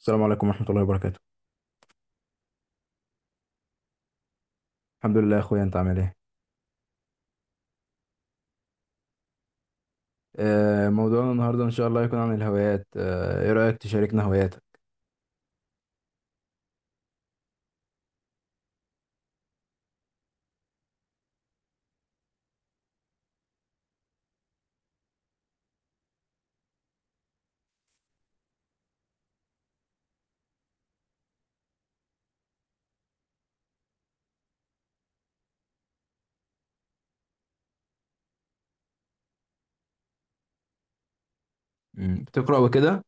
السلام عليكم ورحمة الله وبركاته. الحمد لله يا اخويا، انت عامل ايه؟ موضوعنا النهاردة ان شاء الله يكون عن الهوايات. ايه رأيك تشاركنا هواياتك؟ بتقرأ وكده؟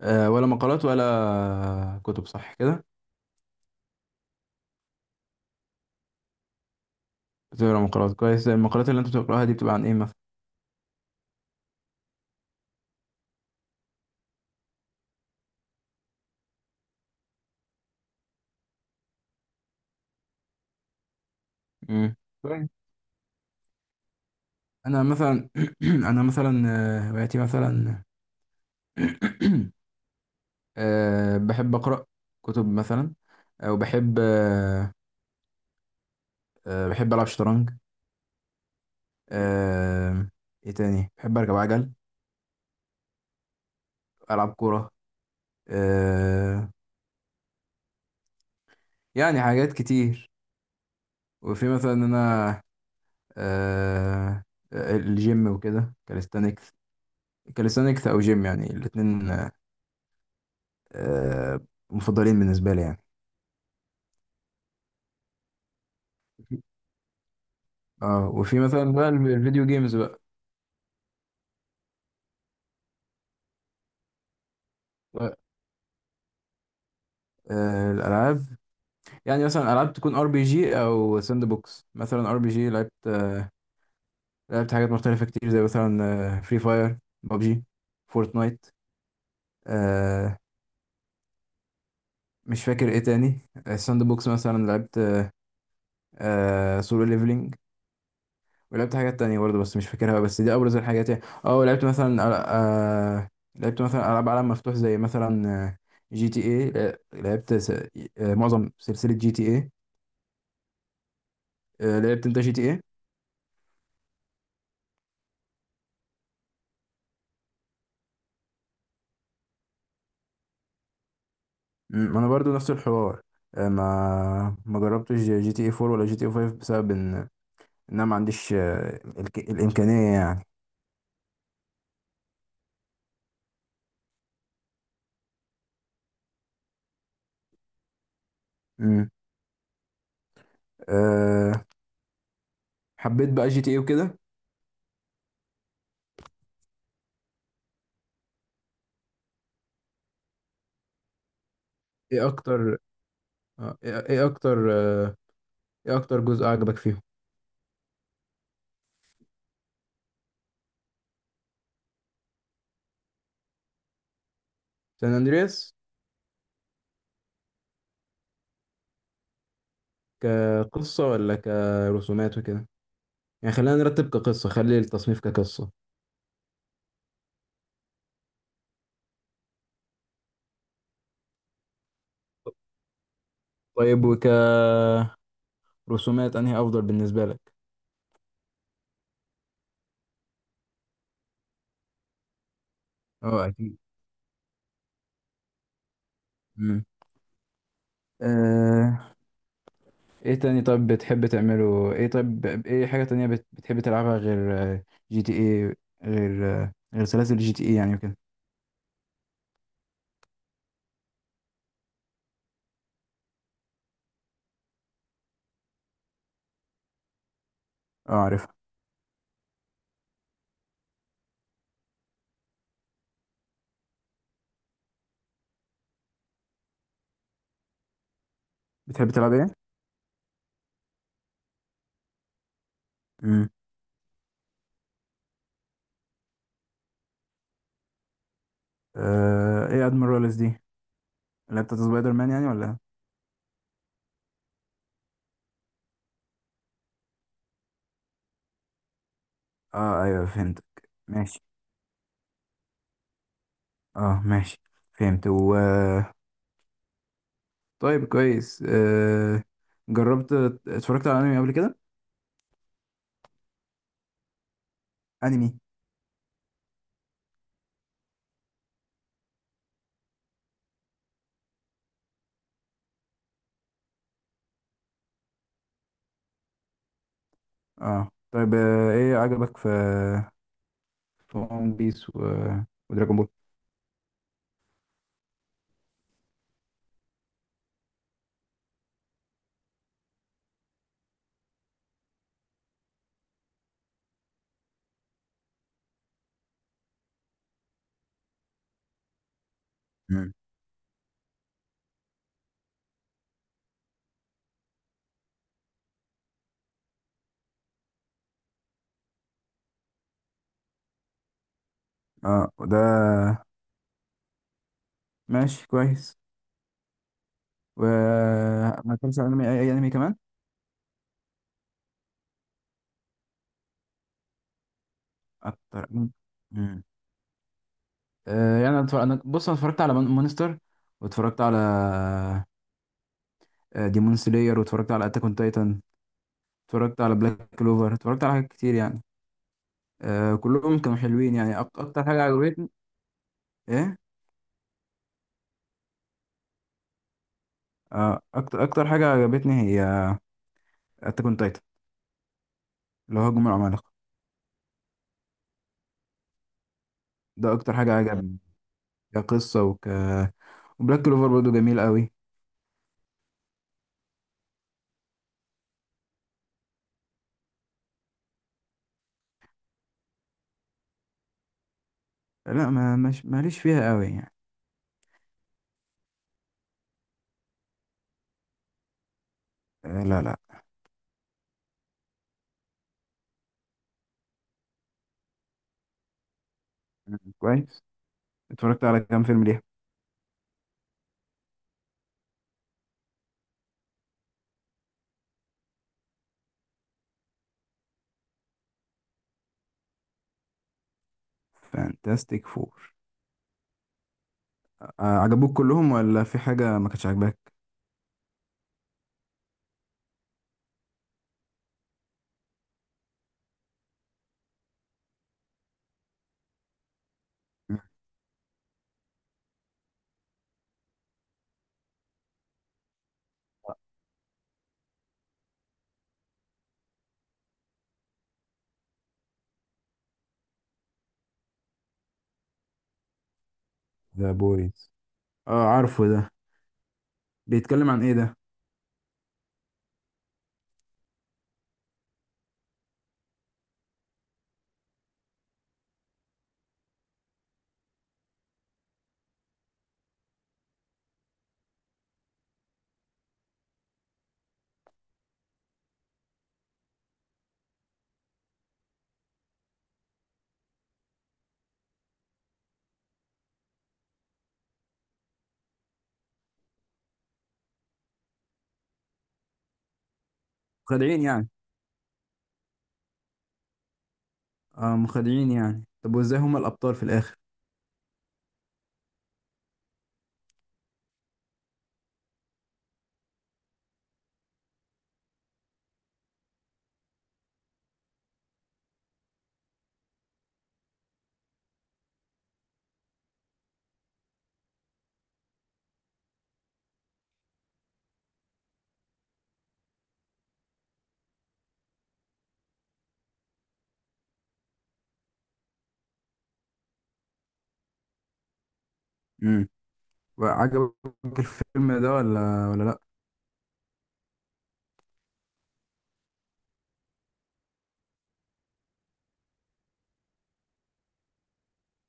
ولا مقالات ولا كتب، صح كده؟ بتقرأ مقالات؟ كويس. المقالات اللي انت بتقرأها دي بتبقى عن ايه مثلا؟ مم. طيب. انا مثلا انا مثلا، هواياتي مثلا. بحب اقرا كتب مثلا، او بحب بحب العب شطرنج. آه، ايه تاني؟ بحب اركب عجل، العب كوره. آه يعني حاجات كتير. وفي مثلا إن انا، آه الجيم وكده، كاليستانكس. كاليستانكس او جيم، يعني الاتنين آه مفضلين بالنسبة لي يعني. اه، وفي مثلا بقى الفيديو جيمز بقى. الالعاب يعني مثلا العاب تكون ار بي جي او ساند بوكس. مثلا ار بي جي، لعبت لعبت حاجات مختلفة كتير، زي مثلا فري فاير، بابجي، فورتنايت. Free Fire، PUBG، Fortnite. مش فاكر ايه تاني. الساند بوكس مثلا لعبت سولو ليفلينج. ولعبت حاجات تانية برضه بس مش فاكرها، بس دي ابرز الحاجات يعني. اه، لعبت مثلا، آه لعبت مثلا العاب عالم مفتوح زي مثلا، جي تي اي. لعبت س... معظم سلسلة جي تي اي. لعبت انت جي تي اي؟ ما انا برضه نفس الحوار. ما جربتش جي تي اي 4 ولا جي تي اي 5، بسبب ان انا ما عنديش الامكانية يعني. مم. آه حبيت بقى جي تي اي وكده. ايه اكتر آه، ايه إيه اكتر آه، ايه اكتر جزء عجبك فيهم؟ سان اندرياس؟ كقصة ولا كرسومات وكده؟ يعني خلينا نرتب، كقصة، خلي التصنيف كقصة. طيب، وكرسومات، انهي افضل بالنسبة لك؟ اه اكيد. امم آه، ايه تاني طيب بتحب تعمله؟ ايه طيب ايه حاجة تانية بتحب تلعبها غير جي تي ايه؟ غير غير سلاسل جي تي ايه يعني وكده. اه عارفها. بتحب تلعب ايه؟ امم ايه ادميرالز دي، اللي هي بتاعت سبايدر مان يعني؟ ولا؟ اه ايوه فهمتك، ماشي. اه ماشي، فهمت. طيب كويس. جربت، اتفرجت على انمي قبل كده؟ انمي. اه طيب، ايه عجبك في في ون بيس ودراجون بول؟ مم. اه وده، ماشي كويس. و ما اتفرجتش على انمي، اي أي انمي كمان؟ اكتر. مم. يعني أنا اتفرج... انا بص انا اتفرجت على مونستر، واتفرجت على ديمون سلاير، واتفرجت على اتاك اون تايتن، اتفرجت على بلاك كلوفر، اتفرجت على حاجات كتير يعني. كلهم كانوا حلوين يعني. اكتر حاجة عجبتني، ايه، اكتر حاجه عجبتني هي اتاك اون تايتن، اللي هو هجوم العمالقه. ده اكتر حاجه عجبني كقصه وبلاك كلوفر برضه جميل قوي. لا، ما مش ماليش فيها قوي يعني. لا لا. كويس. اتفرجت على كام فيلم ليها؟ فانتاستيك فور. عجبوك كلهم ولا في حاجه ما كانتش عاجباك؟ ذا بويز؟ اه عارفه ده. بيتكلم عن ايه ده؟ مخادعين يعني؟ اه مخادعين يعني. طب وازاي هما الابطال في الاخر؟ امم، وعجبك الفيلم ده ولا ولا؟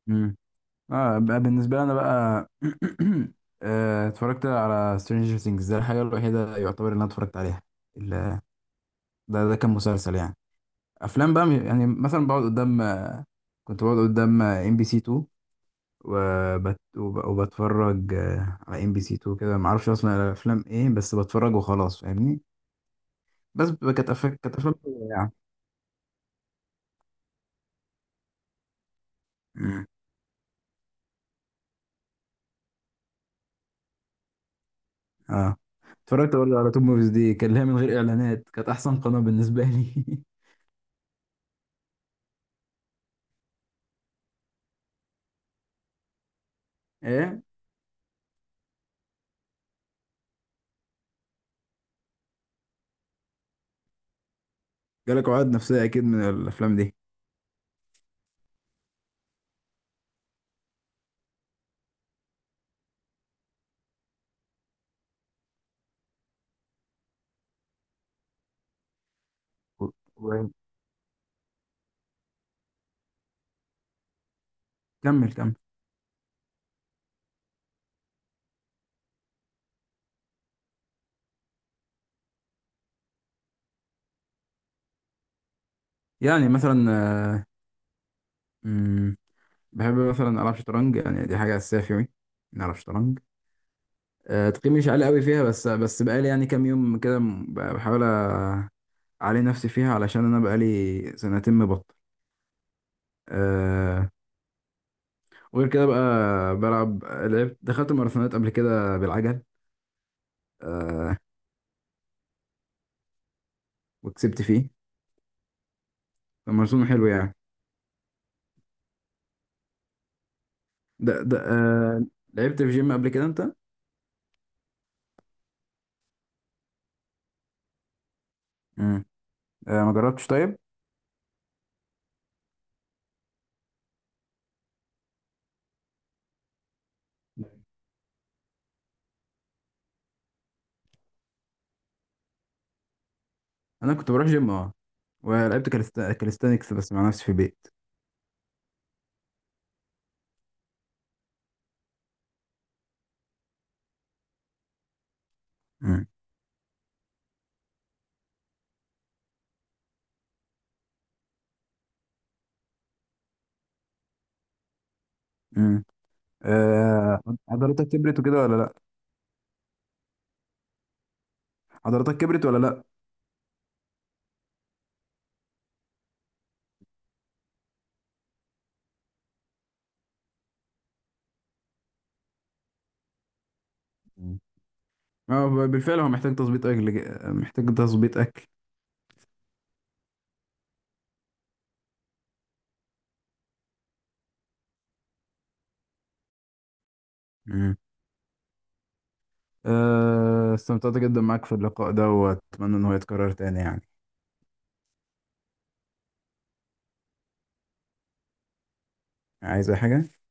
لا. اه بقى بالنسبه لي انا بقى، اتفرجت على سترينجر ثينجز. ده الحاجه الوحيده يعتبر اللي انا اتفرجت عليها. ال- ده كان مسلسل يعني. افلام بقى يعني مثلا بقعد قدام كنت بقعد قدام ام بي سي 2، وبتفرج على ام بي سي 2 كده. ما اعرفش اصلا الافلام ايه، بس بتفرج وخلاص، فاهمني؟ بس بتبقى، كانت كانت افلام حلوة يعني. مم. اه، اتفرجت برضه على توب موفيز دي، كان ليها من غير اعلانات، كانت احسن قناه بالنسبه لي. ايه، جالك عقد نفسية أكيد من الأفلام دي. و- و- كمل كمل. يعني مثلا، آه، مم، بحب مثلا ألعب شطرنج، يعني دي حاجة أساسية في يومي، إني ألعب شطرنج. تقييمي مش عالي قوي فيها، بس بقالي يعني كام يوم كده، بحاول أعلي نفسي فيها، علشان أنا بقالي سنتين مبطل. آه، وغير كده بقى، لعبت، دخلت ماراثونات قبل كده بالعجل، آه، وكسبت فيه. الماراثون حلو يعني. ده ده آه، لعبت في جيم قبل كده أنت؟ مم. ما جربتش طيب؟ انا كنت بروح جيم، اه، ولعبت كاليستانكس بس مع نفسي في البيت. مم. مم. آه، عضلاتك كبرت وكده ولا لا؟ عضلاتك كبرت ولا لا؟ مم. اه، بالفعل هو محتاج تظبيط اكل، محتاج تظبيط اكل. مم. استمتعت جدا معاك في اللقاء ده، واتمنى ان هو يتكرر تاني يعني. عايز اي حاجة؟